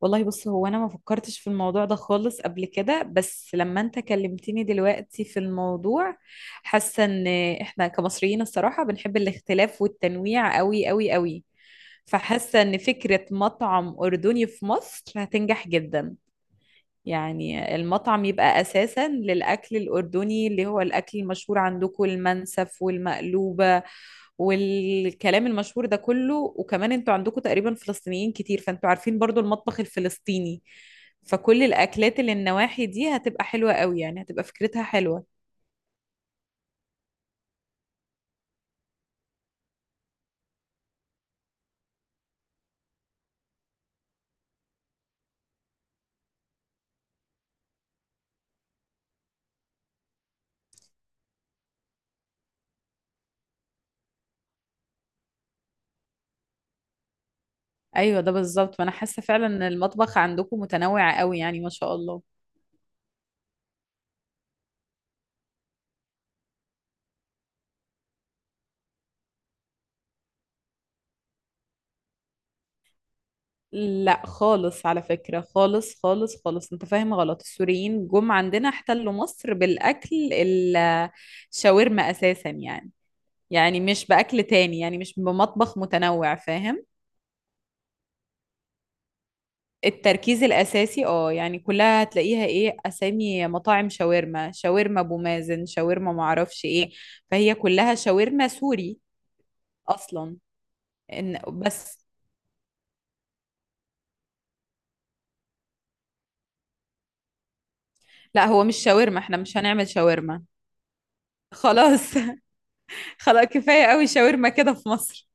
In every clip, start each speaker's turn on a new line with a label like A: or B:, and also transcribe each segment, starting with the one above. A: والله بص. هو انا ما فكرتش في الموضوع ده خالص قبل كده، بس لما انت كلمتني دلوقتي في الموضوع حاسه ان احنا كمصريين الصراحه بنحب الاختلاف والتنويع قوي قوي قوي. فحاسه ان فكره مطعم اردني في مصر هتنجح جدا. يعني المطعم يبقى أساسا للأكل الأردني اللي هو الأكل المشهور عندكم، المنسف والمقلوبة والكلام المشهور ده كله. وكمان انتوا عندكم تقريبا فلسطينيين كتير، فانتوا عارفين برضو المطبخ الفلسطيني. فكل الأكلات اللي النواحي دي هتبقى حلوة قوي، يعني هتبقى فكرتها حلوة. أيوة ده بالظبط، ما أنا حاسة فعلا إن المطبخ عندكم متنوع قوي يعني، ما شاء الله. لا خالص، على فكرة خالص خالص خالص، انت فاهم غلط. السوريين جم عندنا احتلوا مصر بالأكل الشاورما أساسا يعني. يعني مش بأكل تاني، يعني مش بمطبخ متنوع، فاهم. التركيز الأساسي اه، يعني كلها هتلاقيها ايه، أسامي مطاعم شاورما، شاورما أبو مازن، شاورما معرفش ايه. فهي كلها شاورما سوري أصلا. إن بس. لا، هو مش شاورما، احنا مش هنعمل شاورما خلاص. خلاص، كفاية قوي شاورما كده في مصر.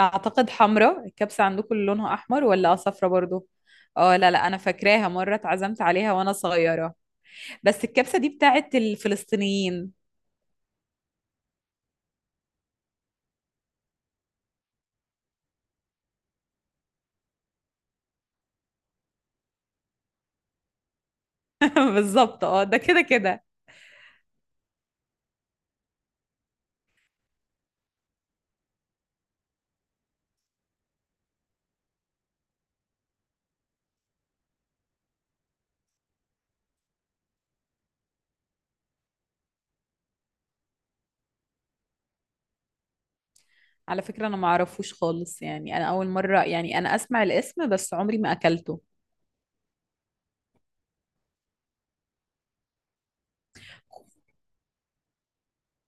A: اعتقد حمراء الكبسة عندكم، اللي لونها احمر، ولا صفرة برضو؟ اه لا لا، انا فاكراها مرة اتعزمت عليها وانا صغيرة. بس الكبسة دي بتاعت الفلسطينيين. بالظبط اه، ده كده كده. على فكرة انا ما اعرفوش خالص، يعني انا اول مرة يعني انا اسمع الاسم، بس عمري ما اكلته.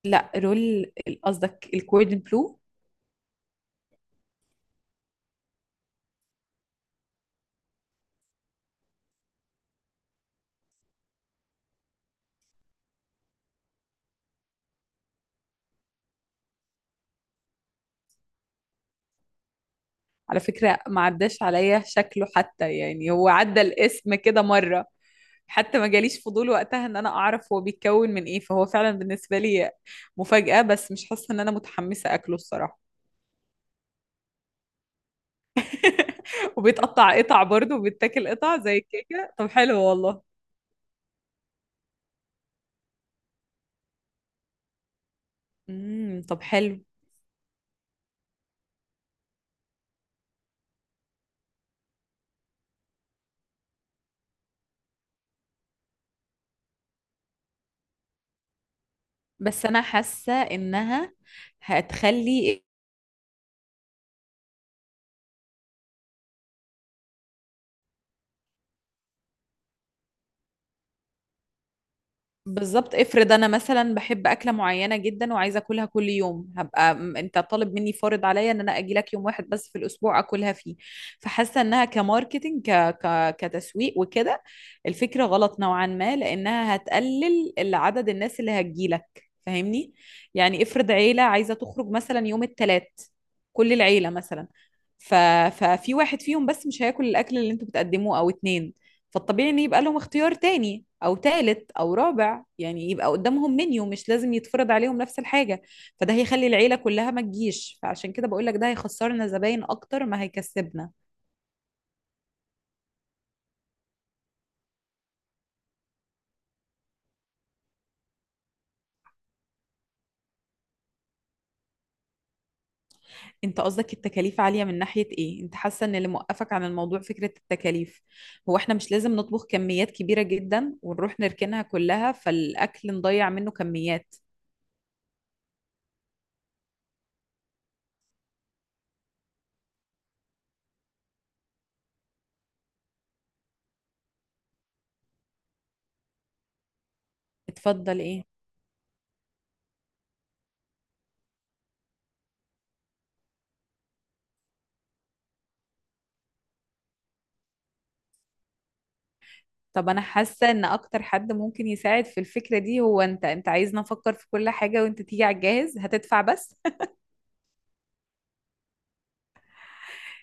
A: لا رول، قصدك الكوردن بلو؟ على فكرة ما عداش عليا شكله حتى، يعني هو عدى الاسم كده مرة، حتى ما جاليش فضول وقتها ان انا اعرف هو بيتكون من ايه. فهو فعلا بالنسبة لي مفاجأة، بس مش حاسة ان انا متحمسة اكله الصراحة. وبيتقطع قطع برضه وبيتاكل قطع زي الكيكة، طب حلو والله. طب حلو. بس انا حاسة انها هتخلي. بالضبط، افرض انا مثلا بحب اكله معينه جدا وعايزه اكلها كل يوم، هبقى انت طالب مني، فارض عليا ان انا اجي لك يوم واحد بس في الاسبوع اكلها فيه. فحاسه انها كماركتنج كتسويق وكده. الفكره غلط نوعا ما، لانها هتقلل عدد الناس اللي هتجي لك، فاهمني. يعني افرض عيله عايزه تخرج مثلا يوم الثلاث، كل العيله مثلا. ف... ففي واحد فيهم بس مش هياكل الاكل اللي انتوا بتقدموه، او اتنين. فالطبيعي ان يبقى لهم اختيار تاني او تالت او رابع، يعني يبقى قدامهم منيو، مش لازم يتفرض عليهم نفس الحاجة. فده هيخلي العيلة كلها ما تجيش. فعشان كده بقول لك، ده هيخسرنا زباين اكتر ما هيكسبنا. انت قصدك التكاليف عالية من ناحية ايه، انت حاسة ان اللي موقفك عن الموضوع فكرة التكاليف؟ هو احنا مش لازم نطبخ كميات كبيرة جدا ونروح نركنها كلها، فالاكل نضيع منه كميات. اتفضل ايه. طب انا حاسه ان اكتر حد ممكن يساعد في الفكره دي هو انت، انت عايزنا افكر في كل حاجه وانت تيجي على الجاهز هتدفع بس.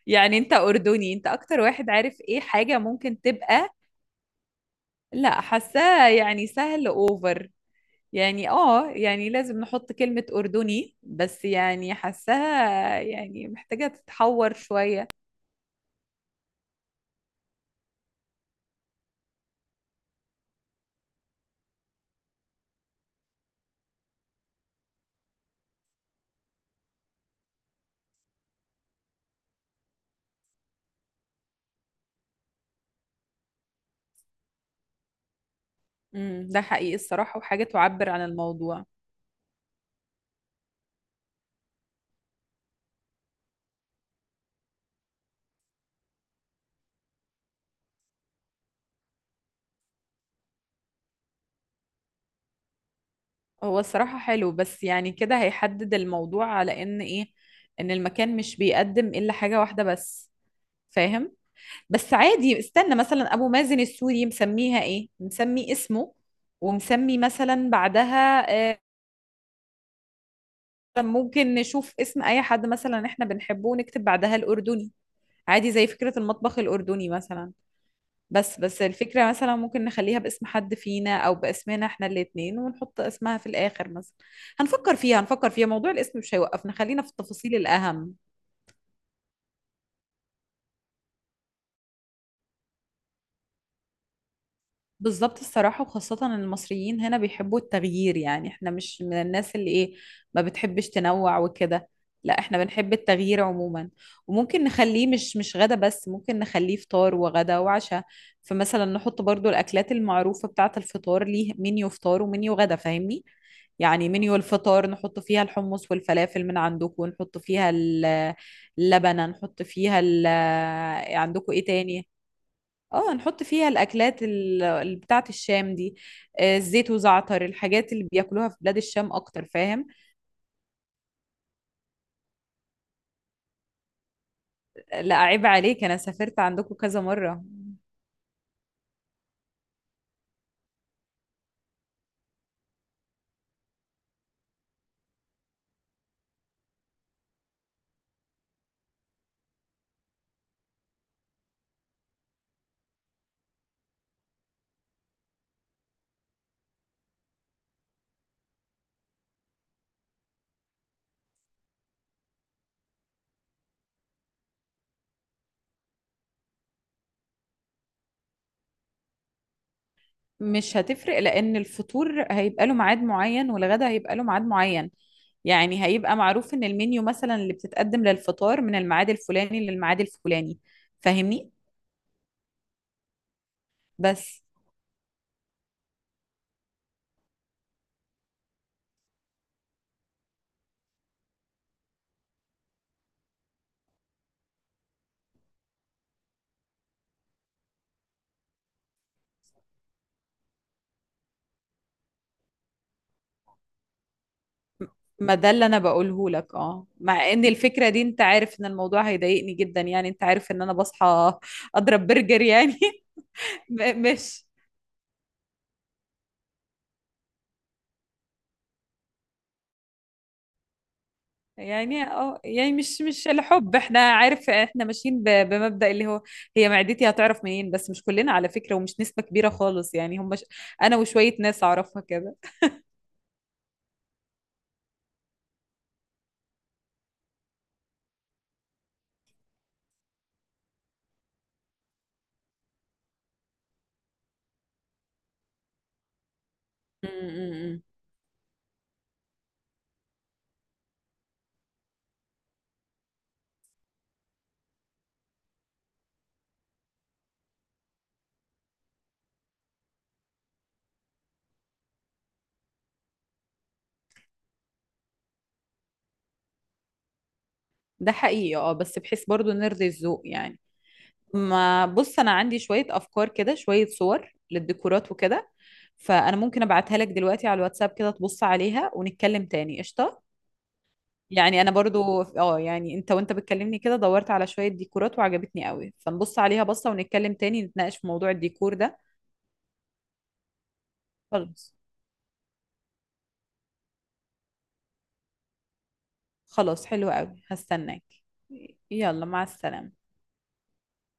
A: يعني انت اردني، انت اكتر واحد عارف ايه حاجه ممكن تبقى. لا حاساه يعني سهل اوفر، يعني اه، يعني لازم نحط كلمه اردني بس يعني حاساها يعني محتاجه تتحور شويه. ده حقيقي الصراحه، وحاجه تعبر عن الموضوع. هو الصراحة حلو، بس يعني كده هيحدد الموضوع على ان ايه، ان المكان مش بيقدم الا حاجة واحدة بس، فاهم. بس عادي، استنى مثلا ابو مازن السوري مسميها ايه، مسمي اسمه ومسمي مثلا بعدها آه، ممكن نشوف اسم اي حد مثلا احنا بنحبه ونكتب بعدها الاردني، عادي زي فكرة المطبخ الاردني مثلا. بس الفكرة مثلا ممكن نخليها باسم حد فينا، أو باسمنا احنا الاتنين ونحط اسمها في الآخر مثلا. هنفكر فيها، هنفكر فيها. موضوع الاسم مش هيوقفنا، خلينا في التفاصيل الأهم. بالظبط الصراحة، وخاصة إن المصريين هنا بيحبوا التغيير، يعني احنا مش من الناس اللي ايه، ما بتحبش تنوع وكده. لا احنا بنحب التغيير عموما. وممكن نخليه مش غدا بس، ممكن نخليه فطار وغدا وعشاء. فمثلا نحط برضو الأكلات المعروفة بتاعة الفطار، ليه منيو فطار ومنيو غدا، فاهمني. يعني منيو الفطار نحط فيها الحمص والفلافل من عندكم، ونحط فيها اللبنة، نحط فيها عندكم ايه تاني. اه نحط فيها الاكلات اللي بتاعه الشام دي، آه، الزيت وزعتر، الحاجات اللي بياكلوها في بلاد الشام اكتر، فاهم. لا عيب عليك، انا سافرت عندكم كذا مره. مش هتفرق، لان الفطور هيبقى له ميعاد معين والغدا هيبقى له ميعاد معين، يعني هيبقى معروف ان المنيو مثلا اللي بتتقدم للفطار من الميعاد الفلاني للميعاد الفلاني، فاهمني. بس ما ده اللي انا بقوله لك اه، مع ان الفكره دي انت عارف ان الموضوع هيضايقني جدا، يعني انت عارف ان انا بصحى اضرب برجر يعني. مش يعني اه، يعني مش الحب، احنا عارف احنا ماشيين بمبدأ اللي هو هي معدتي هتعرف منين. بس مش كلنا على فكره، ومش نسبه كبيره خالص يعني، هم انا وشويه ناس اعرفها كده. م- م- م. ده حقيقي اه، بس بحيث برضو نرضي الذوق يعني. ما بص، انا عندي شويه افكار كده، شويه صور للديكورات وكده، فانا ممكن ابعتها لك دلوقتي على الواتساب كده، تبص عليها ونتكلم تاني قشطه. يعني انا برضو اه، يعني انت وانت بتكلمني كده دورت على شويه ديكورات وعجبتني قوي، فنبص عليها بصه ونتكلم تاني، نتناقش في موضوع الديكور ده. خلاص. خلاص حلو قوي، هستناك. يلا مع السلامه.